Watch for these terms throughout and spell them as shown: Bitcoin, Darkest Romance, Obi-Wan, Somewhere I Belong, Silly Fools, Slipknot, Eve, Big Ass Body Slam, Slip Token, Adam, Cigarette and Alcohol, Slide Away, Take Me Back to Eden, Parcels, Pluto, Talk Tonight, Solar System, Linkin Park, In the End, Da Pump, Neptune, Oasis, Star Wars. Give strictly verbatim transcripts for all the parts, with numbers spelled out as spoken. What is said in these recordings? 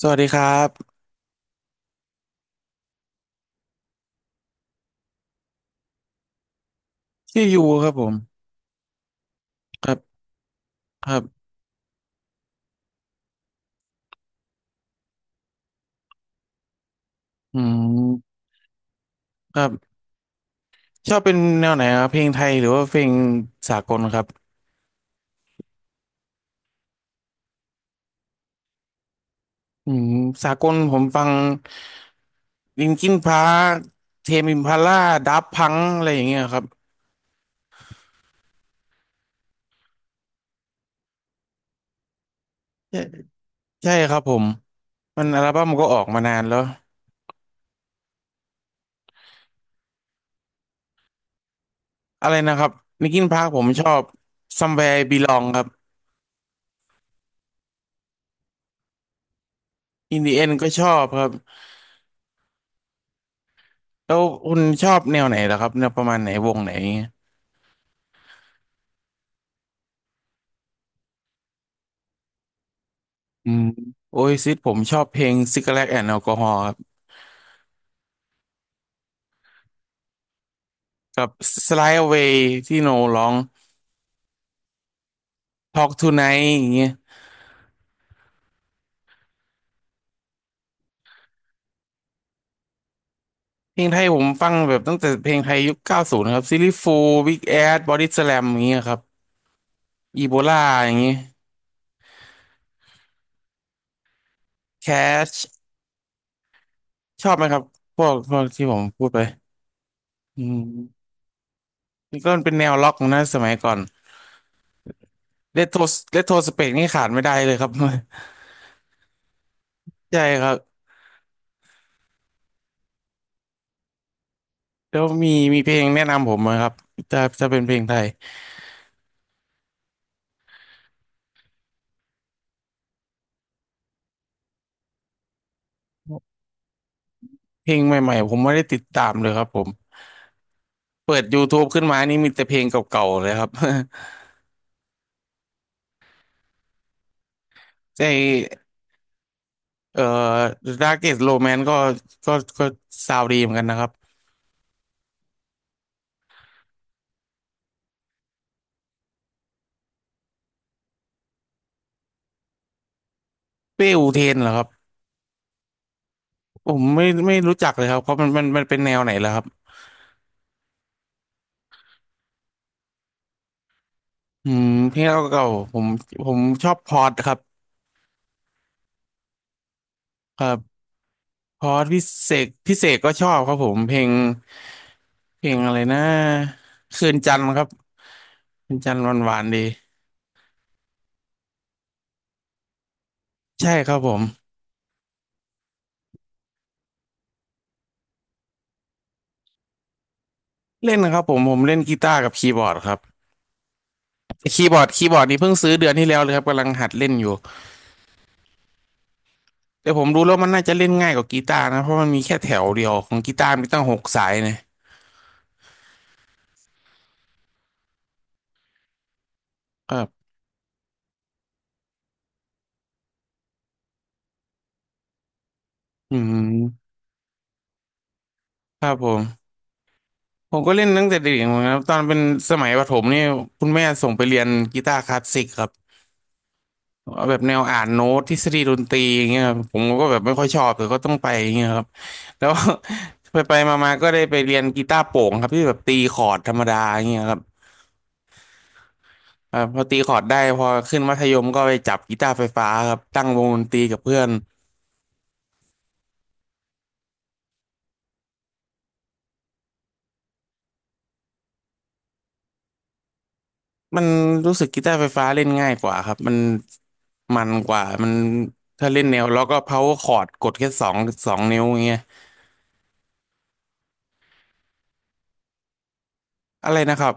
สวัสดีครับชื่อยูครับผมครับครับอืมครับชอบเป็นแนวไหนครับ เพลงไทยหรือว่าเพลงสากลครับอืมสากลผมฟังลินคินพาร์คเทมอิมพาล่า ดับพัง อะไรอย่างเงี้ยครับใช่ใช่ครับผม มันอัลบั้มก็ออกมานานแล้วอะไรนะครับลินคินพาร์คผมชอบ Somewhere I Belong ครับ In the End ก็ชอบครับ แล้วคุณชอบแนวไหนล่ะครับแนวประมาณไหน วงไหน อืมโอ้ยซิดผมชอบเพลง Cigarette and Alcohol ครับกับ Slide Away ที่โนร้อง Talk Tonight อย่างเงี้ยเพลงไทยผมฟังแบบตั้งแต่เพลงไทยยุคเก้าสิบนะครับซิลลี่ฟูล Big Ass Body Slam อย่างเงี้ยครับอีโบลาอย่างเงี้ย Cash ชอบไหมครับพวกพวกที่ผมพูดไปอืมนี่ก็เป็นแนวล็อกนะสมัยก่อนเลโทเลโทสเปกนี่ขาดไม่ได้เลยครับ ใช่ครับแล้วมีมีเพลงแนะนำผมไหมครับถ้าถ้าเป็นเพลงไทย เพลงใหม่ๆผมไม่ได้ติดตามเลยครับผมเปิด YouTube ขึ้นมานี่มีแต่เพลงเก่าๆเลยครับ ใจเอ่อ Darkest Romance ก็ก็ก็ซาวด์ดีเหมือนกันนะครับเป้อูเทนเหรอครับผมไม่ไม่รู้จักเลยครับเขามันมันมันเป็นแนวไหนแล้วครับอืมเพลงเก่าๆผมผมชอบพอดครับครับพอดพิเศษพิเศษก็ชอบครับผมเพลงเพลงอะไรนะคืนจันทร์ครับคืนจันทร์หวานๆดีใช่ครับผมเล่นนะครับผมผมเล่นกีตาร์กับคีย์บอร์ดครับ คีย์บอร์ดคีย์บอร์ดนี่เพิ่งซื้อเดือนที่แล้วเลยครับกำลังหัดเล่นอยู่แต่ผมรู้แล้วมันน่าจะเล่นง่ายกว่ากีตาร์นะเพราะมันมีแค่แถวเดียวของกีตาร์มีตั้งหกสายนะครับอืมครับผมผมก็เล่นตั้งแต่เด็กเหมือนกันครับตอนเป็นสมัยประถมนี่คุณแม่ส่งไปเรียนกีตาร์คลาสสิกครับเอาแบบแนวอ่านโน้ตทฤษฎีดนตรีอย่างเงี้ยครับผมก็แบบไม่ค่อยชอบแต่ก็ต้องไปอย่างเงี้ยครับแล้ว ไปไปมาๆก็ได้ไปเรียนกีตาร์โปร่งครับที่แบบตีคอร์ดธรรมดาอย่างเงี้ยครับ อ่าพอตีคอร์ดได้พอขึ้นมัธยมก็ไปจับกีตาร์ไฟฟ้าครับตั้งวงดนตรีกับเพื่อนมันรู้สึกกีตาร์ไฟฟ้าเล่นง่ายกว่าครับมันมันกว่ามันถ้าเล่นแนวแล้วก็เพาคอร์ดกดแค่สองสองนิ้วอย่างเงี้ยอะไรนะครับ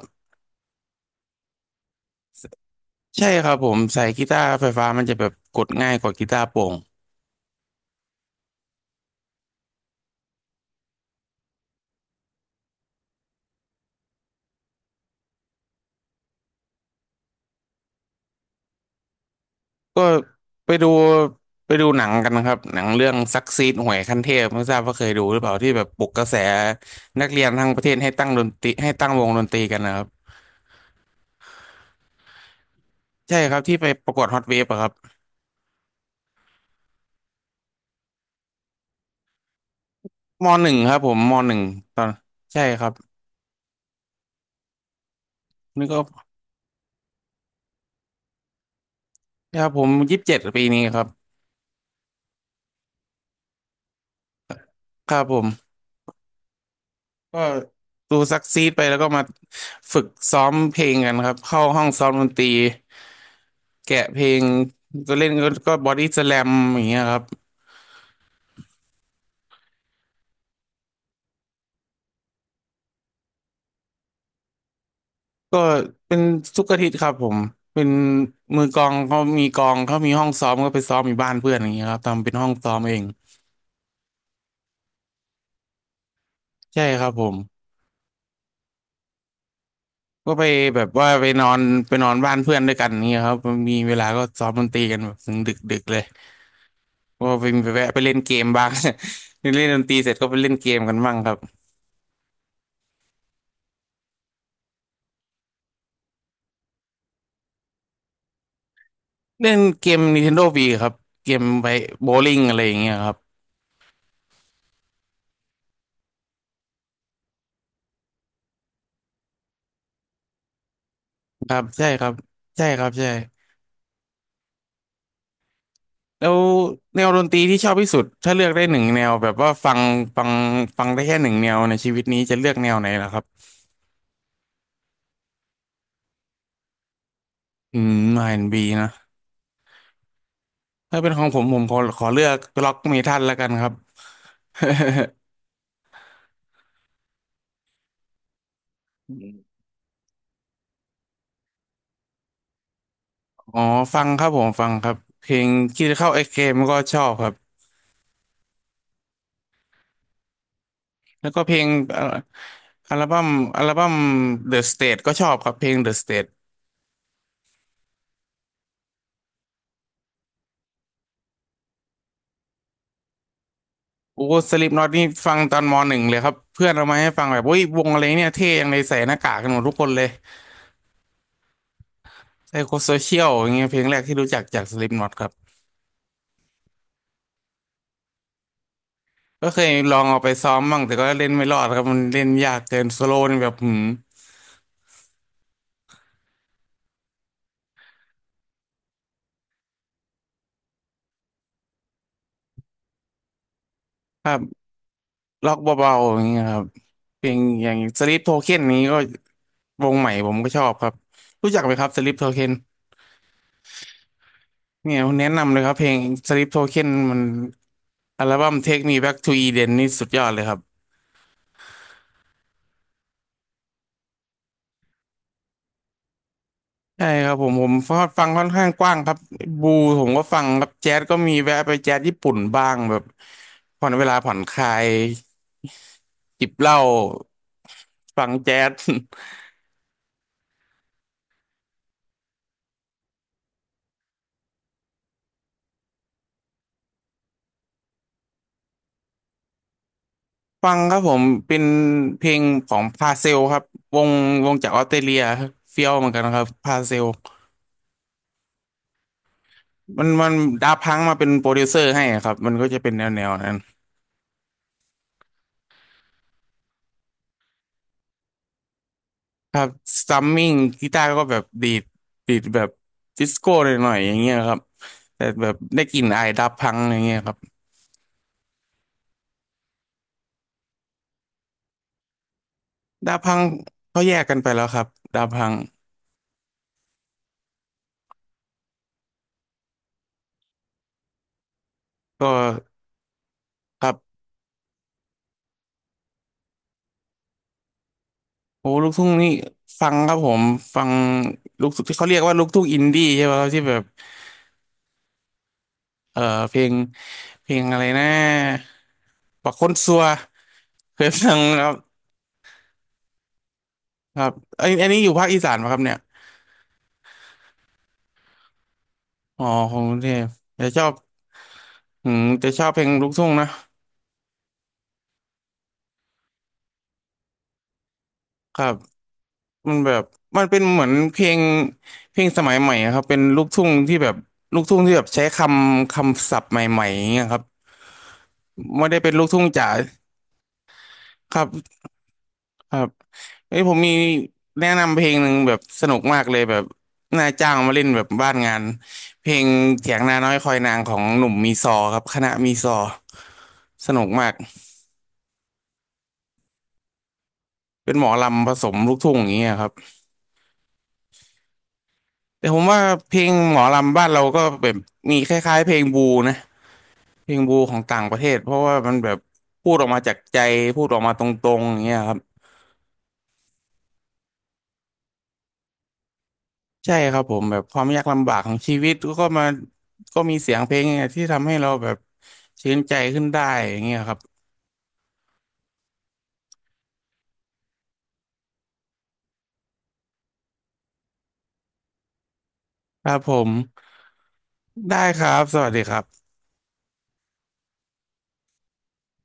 ใช่ครับผมใส่กีตาร์ไฟฟ้ามันจะแบบกดง่ายกว่ากีตาร์โปร่งก็ไปดูไปดูหนังกันนะครับหนังเรื่องซักซีดหวยขั้นเทพไม่ทราบว่าเคยดูหรือเปล่าที่แบบปลุกกระแสนักเรียนทั้งประเทศให้ตั้งดนตรีให้ตั้งวงดนตรีกันนะครับ ใช่ครับที่ไปประกวดฮอตเวฟอะครับมหนึ่งครับผมมหนึ่งตอนใช่ครับนี่ก็ครับผมยี่สิบเจ็ดปีนี้ครับครับผมก็ดูซักซีดไปแล้วก็มาฝึกซ้อมเพลงกันครับเข้าห้องซ้อมดนตรีแกะเพลงก็เล่นก็ก็บอดี้สแลมอย่างเงี้ยครับก็เป็นทุกอาทิตย์ครับผมเป็นมือกลองเขามีกลองเขามีห้องซ้อมก็ไปซ้อมอยู่บ้านเพื่อนอย่างเงี้ยครับทำเป็นห้องซ้อมเองใช่ครับผม ก็ไปแบบว่าไปนอนไปนอนบ้านเพื่อนด้วยกันเนี่ยครับมันมีเวลาก็ซ้อมดนตรีกันแบบถึงดึกดึกเลยก็ไปไปแวะไปเล่นเกมบ้าง เล่นดนตรีเสร็จก็ไปเล่นเกมกันบ้างครับเล่นเกม Nintendo Wii ครับเกมไปโบว์ลิ่งอะไรอย่างเงี้ยครับครับใช่ครับใช่ครับใช่แล้วแนวดนตรีที่ชอบที่สุดถ้าเลือกได้หนึ่งแนวแบบว่าฟังฟังฟังได้แค่หนึ่งแนวในชีวิตนี้จะเลือกแนวไหนล่ะครับอืม อาร์ แอนด์ บี นด์บีนะถ้าเป็นของผมผมขอขอเลือกร็อกเมทัลแล้วกันครับ อ๋อฟังครับผมฟังครับเพลงคิดเข้าไอเกมก็ชอบครับแล้วก็เพลงเอ่ออัลบั้มอัลบั้ม The State ก็ชอบครับเพลง The State โอ้สลิปน็อตนี่ฟังตอนมหนึ่งเลยครับเพื่อนเอามาให้ฟังแบบอุ้ยวงอะไรเนี่ยเท่ยังเลยใส่หน้ากากกันหมดทุกคนเลยไซโคโซเชียลอย่างเงี้ยเพลงแรกที่รู้จักจากสลิปน็อตครับก็เคยลองเอาไปซ้อมบ้างแต่ก็เล่นไม่รอดครับมันเล่นยากเกินโซโล่นี่แบบหืมครับล็อกเบาๆอย่างเงี้ยครับเพลงอย่างสลิปโทเค็นนี้ก็ วงใหม่ผมก็ชอบครับรู้จักไหมครับสลิปโทเค็นเนี่ยแนะนำเลยครับเพลงสลิปโทเค็นมันอัลบั้ม Take Me Back to Eden นี่สุดยอดเลยครับใช่ครับผมผมฟังค่อนข้างกว้างครับบูผมก็ฟังครับแจ๊สก็มีแวะไปแจ๊สญี่ปุ่นบ้างแบบผ่อนเวลาผ่อนคลายจิบเหล้าฟังแจ๊ส ฟังครับผมเป็นเพลงของพาเซลครับวงวงจากออสเตรเลียเฟี้ยวเหมือนกันครับพาเซล มันมันดาพังมาเป็นโปรดิวเซอร์ให้อะครับมันก็จะเป็นแนวแนวนั้นครับซัมมิ่งกีตาร์ก็แบบดีดดีดแบบดิสโก้หน่อยๆอย่างเงี้ยครับแต่แบบได้กลิ่นอายดาพังอย่างเงี้ยครับดาพังเขาแยกกันไปแล้วครับดาพังก็ครับโอ้ลูกทุ่งนี่ฟังครับผมฟังลูกทุ่งที่เขาเรียกว่าลูกทุ่งอินดี้ใช่ไหมครับที่แบบเอ่อเพลงเพลงอะไรนะปักคนซัวเคยฟังไหมครับครับไอยอันนี้อยู่ภาคอีสานไหมครับเนี่ย อ๋อของกรุงเทพจะชอบอืมจะชอบเพลงลูกทุ่งนะครับมันแบบมันเป็นเหมือนเพลงเพลงสมัยใหม่อะครับเป็นลูกทุ่งที่แบบลูกทุ่งที่แบบใช้คำคำศัพท์ใหม่ๆอย่างเงี้ยครับไม่ได้เป็นลูกทุ่งจ๋าครับครับเอ้ยผมมีแนะนำเพลงหนึ่งแบบสนุกมากเลยแบบนาาจ้างมาเล่นแบบบ้านงานเพลงเถียงนาน้อยคอยนางของหนุ่มมีซอครับคณะมีซอสนุกมากเป็นหมอลำผสมลูกทุ่งอย่างเงี้ยครับ แต่ผมว่าเพลงหมอลำบ้านเราก็แบบมีคล้ายๆเพลงบูนะเพลงบูของต่างประเทศเพราะว่ามันแบบพูดออกมาจากใจพูดออกมาตรงๆอย่างเงี้ยครับใช่ครับผมแบบความยากลำบากของชีวิตก็มาก็มีเสียงเพลงเนี่ยที่ทำให้เราแบบชื่นใจขึ้นได้อย่างเงี้ยครับครับผมได้ครับสวัสดีครับ